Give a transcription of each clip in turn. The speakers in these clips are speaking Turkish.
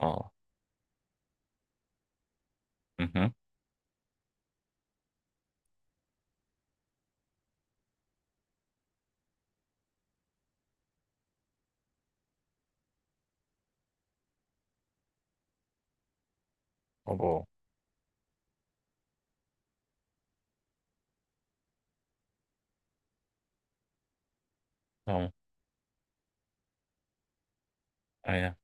Aa. Hı hı. Abo. Tamam. Aynen.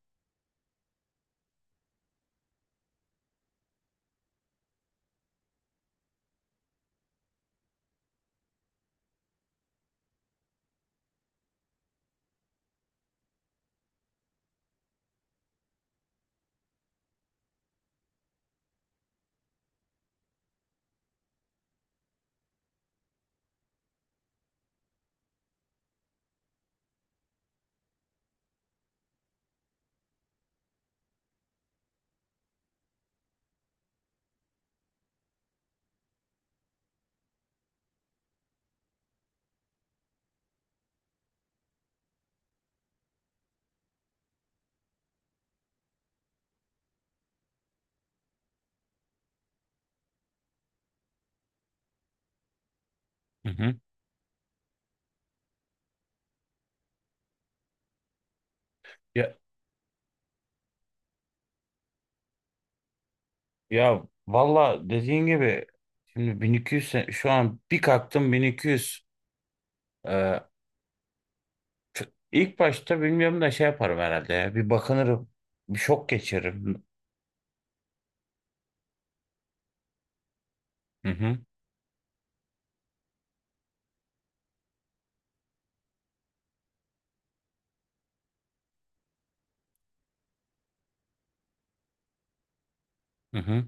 Hı hı. Ya, ya, valla dediğin gibi şimdi şu an bir kalktım 1200. Ee, ilk başta bilmiyorum da şey yaparım herhalde ya. Bir bakınırım. Bir şok geçiririm. Hı hı. Hı hı.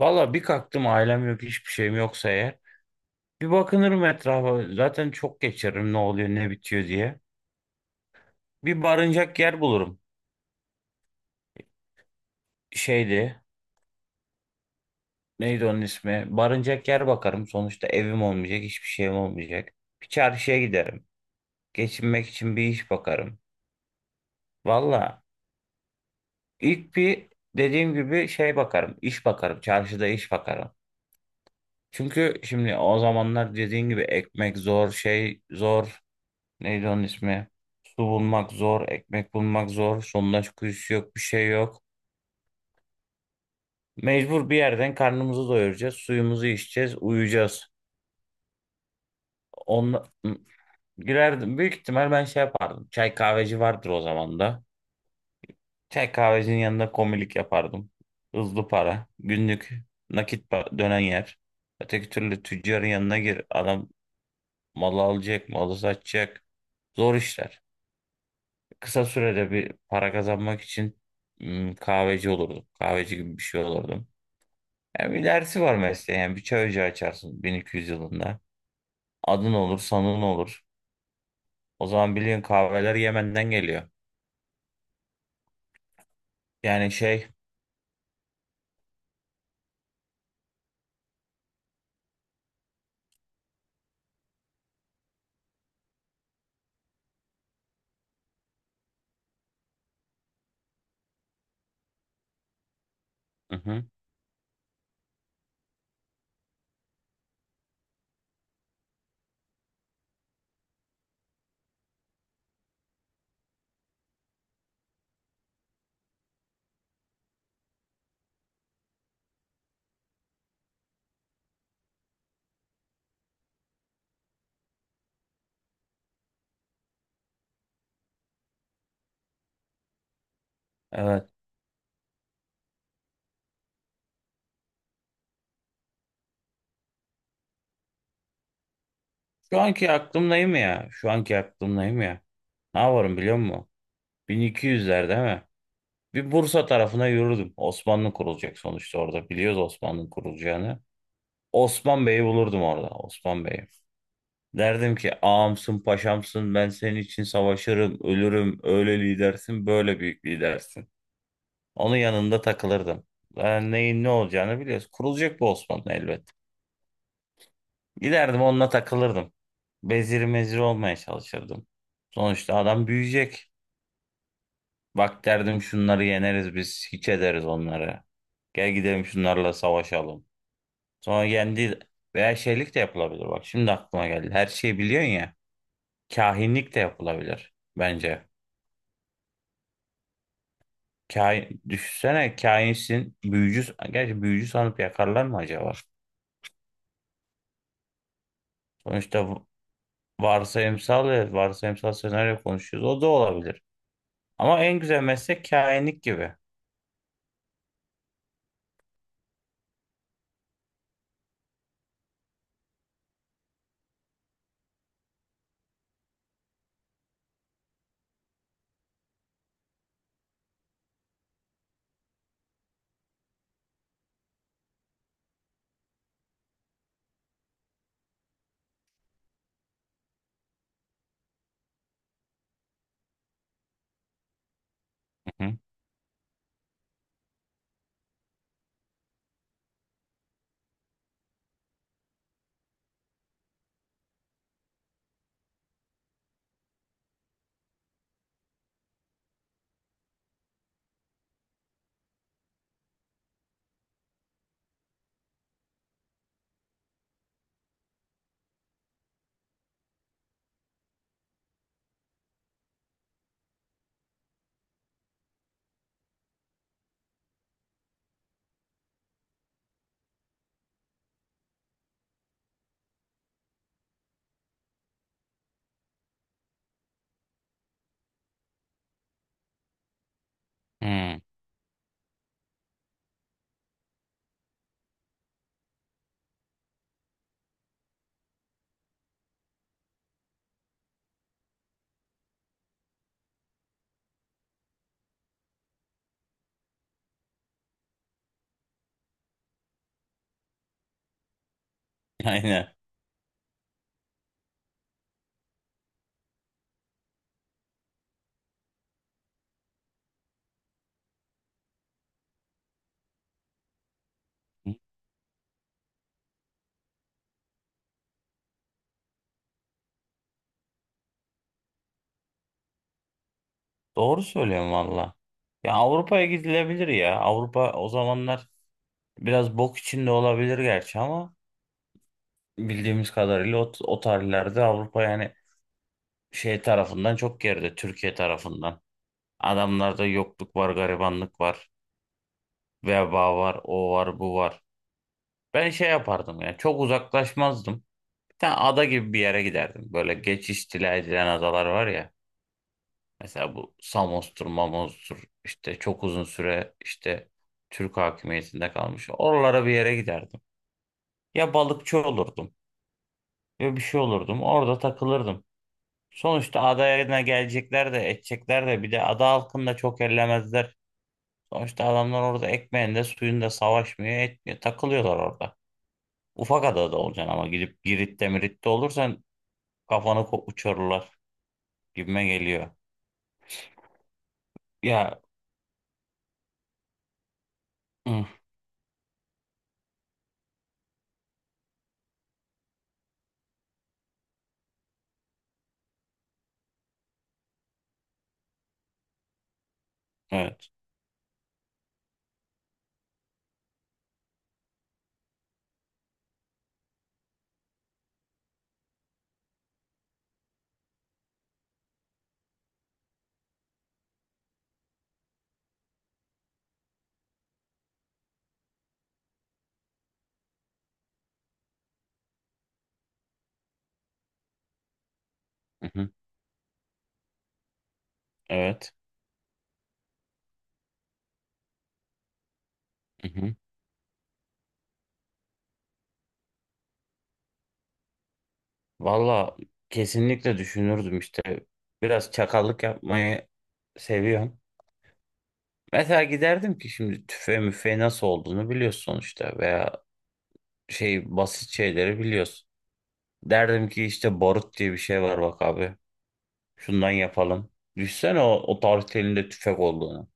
Valla bir kalktım ailem yok hiçbir şeyim yoksa eğer. Bir bakınırım etrafa. Zaten çok geçiririm ne oluyor ne bitiyor diye. Bir barınacak yer bulurum. Şeydi. Neydi onun ismi? Barınacak yer bakarım. Sonuçta evim olmayacak, hiçbir şeyim olmayacak. Bir çarşıya giderim. Geçinmek için bir iş bakarım. Valla ilk bir dediğim gibi şey bakarım. İş bakarım. Çarşıda iş bakarım. Çünkü şimdi o zamanlar dediğin gibi ekmek zor, şey zor. Neydi onun ismi? Su bulmak zor, ekmek bulmak zor. Sondaj kuyusu yok, bir şey yok. Mecbur bir yerden karnımızı doyuracağız, suyumuzu içeceğiz, uyuyacağız. Onla... Girerdim. Büyük ihtimal ben şey yapardım. Çay kahveci vardır o zaman da. Çay kahvecinin yanında komilik yapardım. Hızlı para. Günlük dönen yer. Öteki türlü tüccarın yanına gir. Adam malı alacak, malı satacak. Zor işler. Kısa sürede bir para kazanmak için kahveci olurdum. Kahveci gibi bir şey olurdum. Yani bir dersi var mesleğe. Yani bir çay ocağı açarsın 1200 yılında. Adın olur, sanın olur. O zaman biliyorsun kahveler Yemen'den geliyor. Yani şey... Hı hı. Evet. Şu anki aklımdayım ya. Şu anki aklımdayım ya. Ne yaparım biliyor musun? 1200'ler değil mi? Bir Bursa tarafına yürürdüm. Osmanlı kurulacak sonuçta orada. Biliyoruz Osmanlı'nın kurulacağını. Osman Bey'i bulurdum orada. Osman Bey'i. Derdim ki ağamsın paşamsın ben senin için savaşırım ölürüm öyle lidersin böyle büyük lidersin. Onun yanında takılırdım. Ben neyin ne olacağını biliyoruz. Kurulacak bu Osmanlı elbet. Giderdim onunla takılırdım. Bezir mezir olmaya çalışırdım. Sonuçta adam büyüyecek. Bak derdim şunları yeneriz biz. Hiç ederiz onları. Gel gidelim şunlarla savaşalım. Sonra yendi veya şeylik de yapılabilir. Bak şimdi aklıma geldi. Her şeyi biliyorsun ya. Kahinlik de yapılabilir bence. Kahin, düşünsene kahinsin. Büyücü, gerçi büyücü sanıp yakarlar mı acaba? Sonuçta v- Varsayımsal, ya, varsayımsal senaryo konuşuyoruz. O da olabilir. Ama en güzel meslek kahinlik gibi. Hı? Hı. Aynen. Hı. Doğru söylüyorum valla. Ya Avrupa'ya gidilebilir ya. Avrupa o zamanlar biraz bok içinde olabilir gerçi ama bildiğimiz kadarıyla o tarihlerde Avrupa yani şey tarafından çok geride. Türkiye tarafından. Adamlarda yokluk var, garibanlık var, veba var, o var, bu var. Ben şey yapardım ya. Çok uzaklaşmazdım. Bir tane ada gibi bir yere giderdim. Böyle geçiş istila edilen adalar var ya. Mesela bu Samos'tur, Mamos'tur işte çok uzun süre işte Türk hakimiyetinde kalmış. Oralara bir yere giderdim. Ya balıkçı olurdum ya bir şey olurdum. Orada takılırdım. Sonuçta adaya gelecekler de edecekler de bir de ada halkını da çok ellemezler. Sonuçta adamlar orada ekmeğinde suyunda savaşmıyor etmiyor. Takılıyorlar orada. Ufak adada olacaksın ama gidip Girit'te Mirit'te olursan uçururlar gibime geliyor. Ya hı, evet. Hı hı, evet. Valla kesinlikle düşünürdüm işte. Biraz çakallık yapmayı seviyorum. Mesela giderdim ki şimdi tüfe müfe nasıl olduğunu biliyorsun sonuçta veya şey basit şeyleri biliyorsun. Derdim ki işte barut diye bir şey var bak abi. Şundan yapalım. Düşsene o tarihte elinde tüfek olduğunu.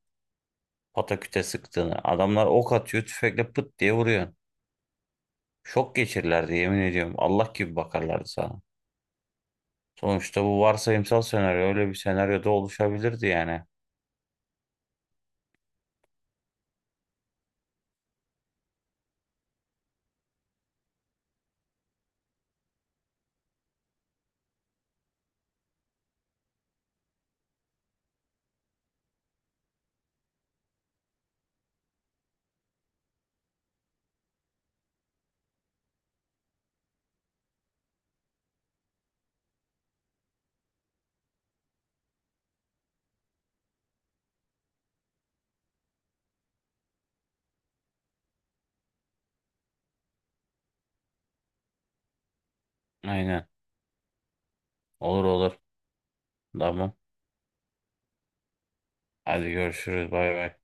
Pataküte sıktığını. Adamlar ok atıyor tüfekle pıt diye vuruyor. Şok geçirirlerdi yemin ediyorum. Allah gibi bakarlardı sana. Sonuçta bu varsayımsal senaryo öyle bir senaryoda oluşabilirdi yani. Aynen. Olur olur. Tamam. Hadi görüşürüz. Bay bay.